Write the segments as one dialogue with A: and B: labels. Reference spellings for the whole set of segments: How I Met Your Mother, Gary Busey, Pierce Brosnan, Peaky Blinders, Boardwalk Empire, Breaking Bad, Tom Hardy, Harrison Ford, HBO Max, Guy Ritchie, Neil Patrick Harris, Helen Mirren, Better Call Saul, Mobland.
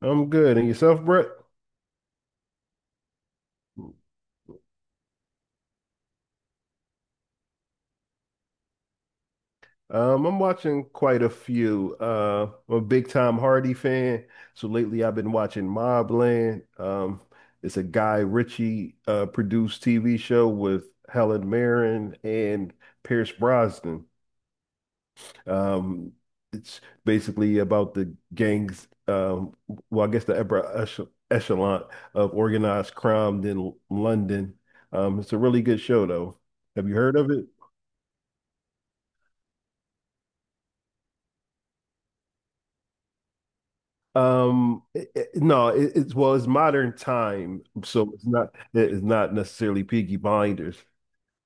A: I'm good. And yourself, Brett? I'm watching quite a few. I'm a big Tom Hardy fan. So lately I've been watching Mobland. It's a Guy Ritchie produced TV show with Helen Mirren and Pierce Brosnan. Um, it's basically about the gangs, well, I guess the upper echelon of organized crime in London. It's a really good show, though. Have you heard of it? No, it's well, it's modern time, so it's not necessarily Peaky Blinders,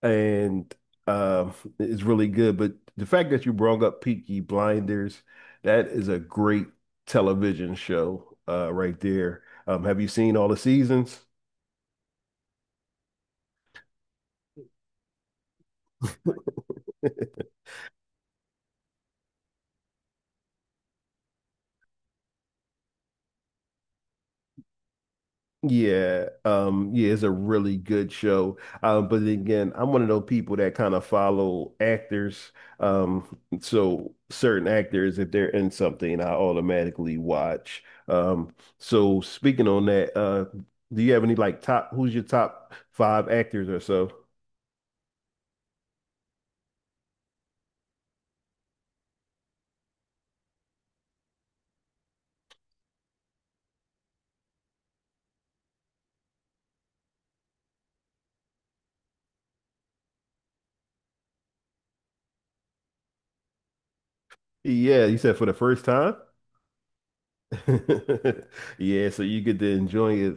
A: and um, it's really good. But the fact that you brought up Peaky Blinders, that is a great television show, right there. Have you seen all the seasons? Yeah, yeah, it's a really good show. But then again, I'm one of those people that kind of follow actors. So certain actors, if they're in something, I automatically watch. So speaking on that, do you have any like top, who's your top five actors or so? Yeah, you said for the first time? Yeah, so you get to enjoy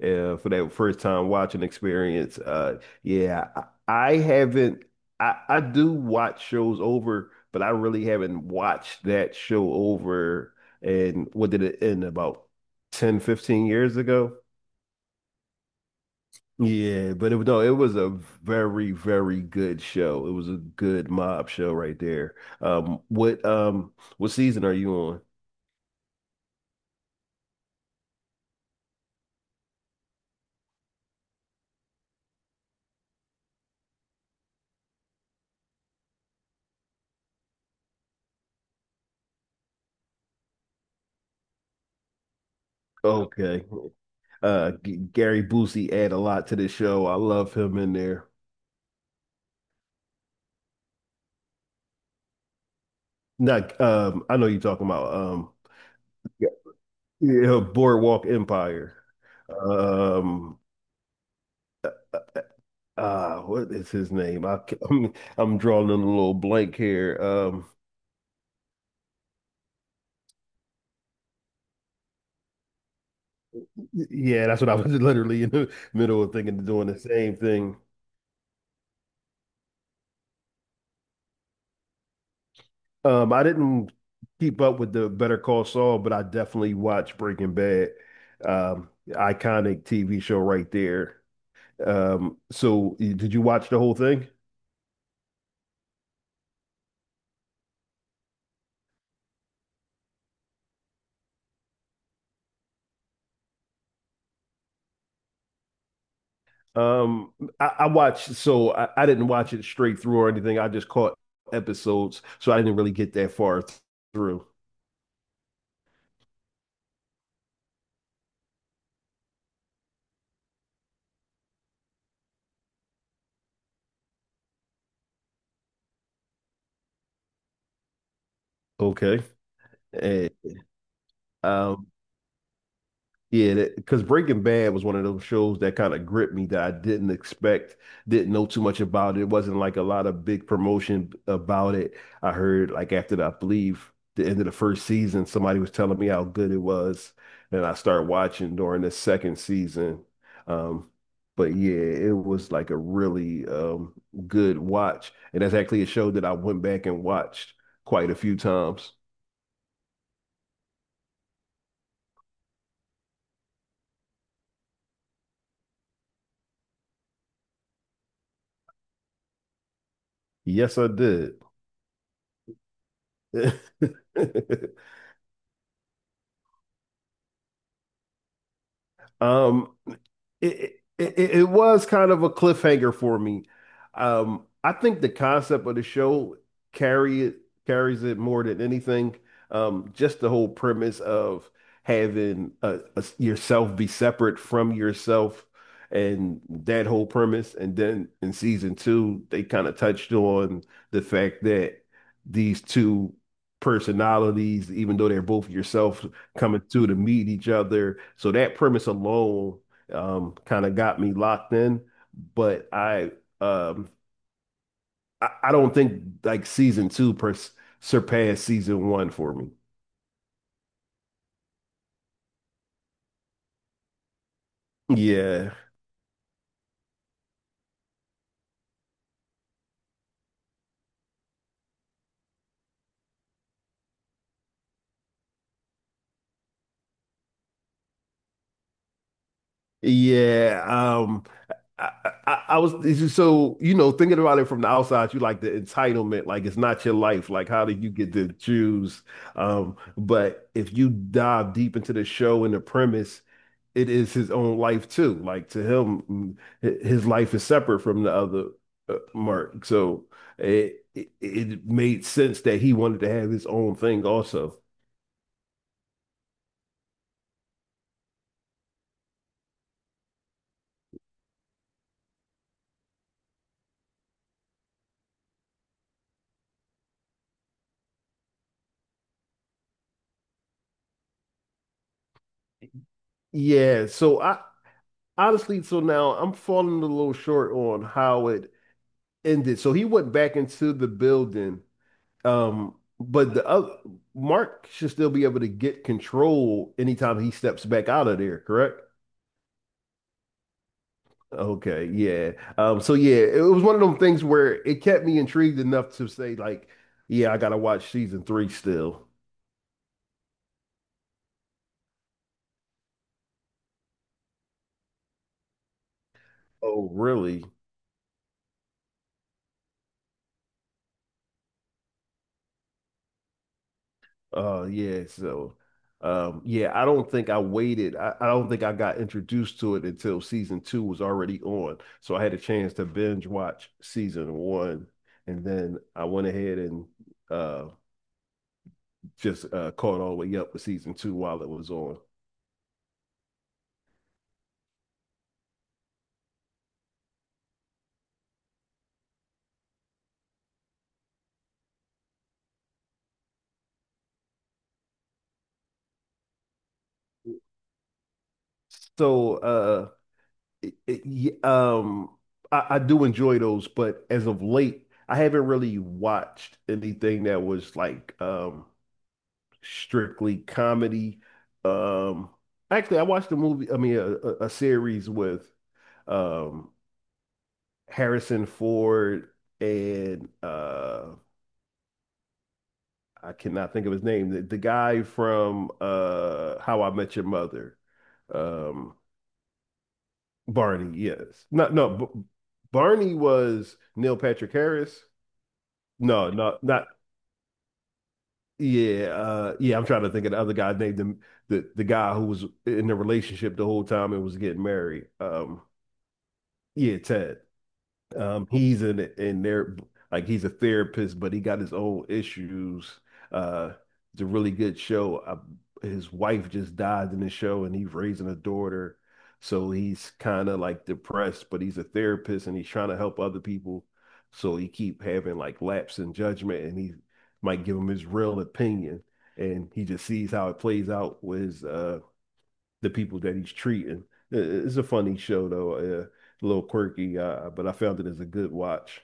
A: it for that first time watching experience. Yeah, I haven't. I do watch shows over, but I really haven't watched that show over. And what did it end about 10, 15 years ago? Yeah, but it was no, it was a very, very good show. It was a good mob show right there. What season are you on? Okay. G Gary Busey add a lot to this show. I love him in there. Not, I know you're talking about yeah, yeah, Boardwalk Empire. Um, what is his name? I'm drawing a little blank here. Yeah, that's what I was literally in the middle of thinking of doing the same thing. I didn't keep up with the Better Call Saul, but I definitely watched Breaking Bad. Iconic TV show right there. So did you watch the whole thing? Um, I watched, so I didn't watch it straight through or anything. I just caught episodes, so I didn't really get that far through. Okay. Eh, um, Yeah, because Breaking Bad was one of those shows that kind of gripped me that I didn't expect, didn't know too much about. It wasn't like a lot of big promotion about it. I heard like after I believe the end of the first season, somebody was telling me how good it was, and I started watching during the second season. Um, but yeah, it was like a really good watch, and that's actually a show that I went back and watched quite a few times. Yes, I did. Um, it was kind of a cliffhanger for me. I think the concept of the show carry it carries it more than anything. Just the whole premise of having yourself be separate from yourself and that whole premise. And then in season two, they kind of touched on the fact that these two personalities, even though they're both yourself, coming through to meet each other. So that premise alone kind of got me locked in. But um, I don't think like season two per surpassed season one for me. Yeah. Yeah. I, I was so thinking about it from the outside, you like the entitlement, like it's not your life. Like how did you get to choose? But if you dive deep into the show and the premise, it is his own life too. Like to him, his life is separate from the other Mark. So it made sense that he wanted to have his own thing also. Yeah, so I honestly, so now I'm falling a little short on how it ended. So he went back into the building. But the other Mark should still be able to get control anytime he steps back out of there, correct? Okay, yeah. So yeah, it was one of them things where it kept me intrigued enough to say, like, yeah, I gotta watch season three still. Oh, really? Yeah, so yeah, I don't think I waited. I don't think I got introduced to it until season two was already on. So I had a chance to binge watch season one and then I went ahead and uh just caught all the way up with season two while it was on. So it, it, y- um I do enjoy those, but as of late, I haven't really watched anything that was like strictly comedy. Um, Actually, I watched a movie, I mean, a series with um, Harrison Ford and I cannot think of his name. The guy from How I Met Your Mother, um, Barney. Yes, no, no. B Barney was Neil Patrick Harris. No, no, not. Yeah, yeah, I'm trying to think of the other guy named the guy who was in the relationship the whole time and was getting married. Yeah, Ted. He's in there like he's a therapist, but he got his own issues. Uh, it's a really good show. His wife just died in the show, and he's raising a daughter, so he's kind of like depressed. But he's a therapist, and he's trying to help other people. So he keep having like lapse in judgment, and he might give him his real opinion, and he just sees how it plays out with his the people that he's treating. It's a funny show though, a little quirky, but I found it as a good watch.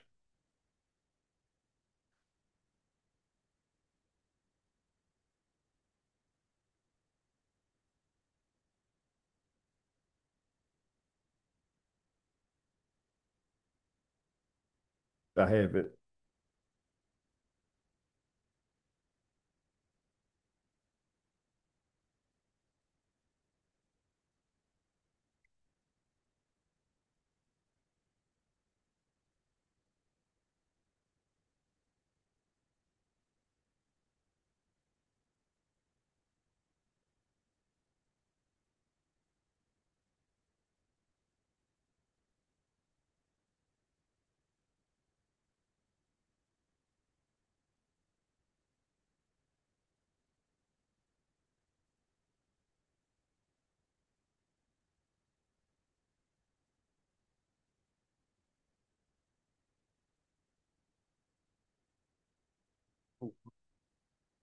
A: I haven't.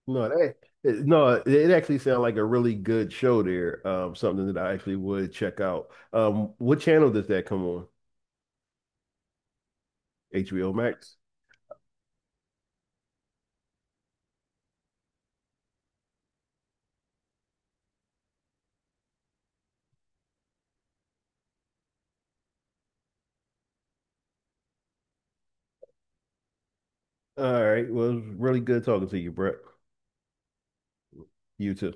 A: No, no, it actually sounds like a really good show there. Something that I actually would check out. What channel does that come on? HBO Max. All right. Well, it was really good talking to you, Brett. You too.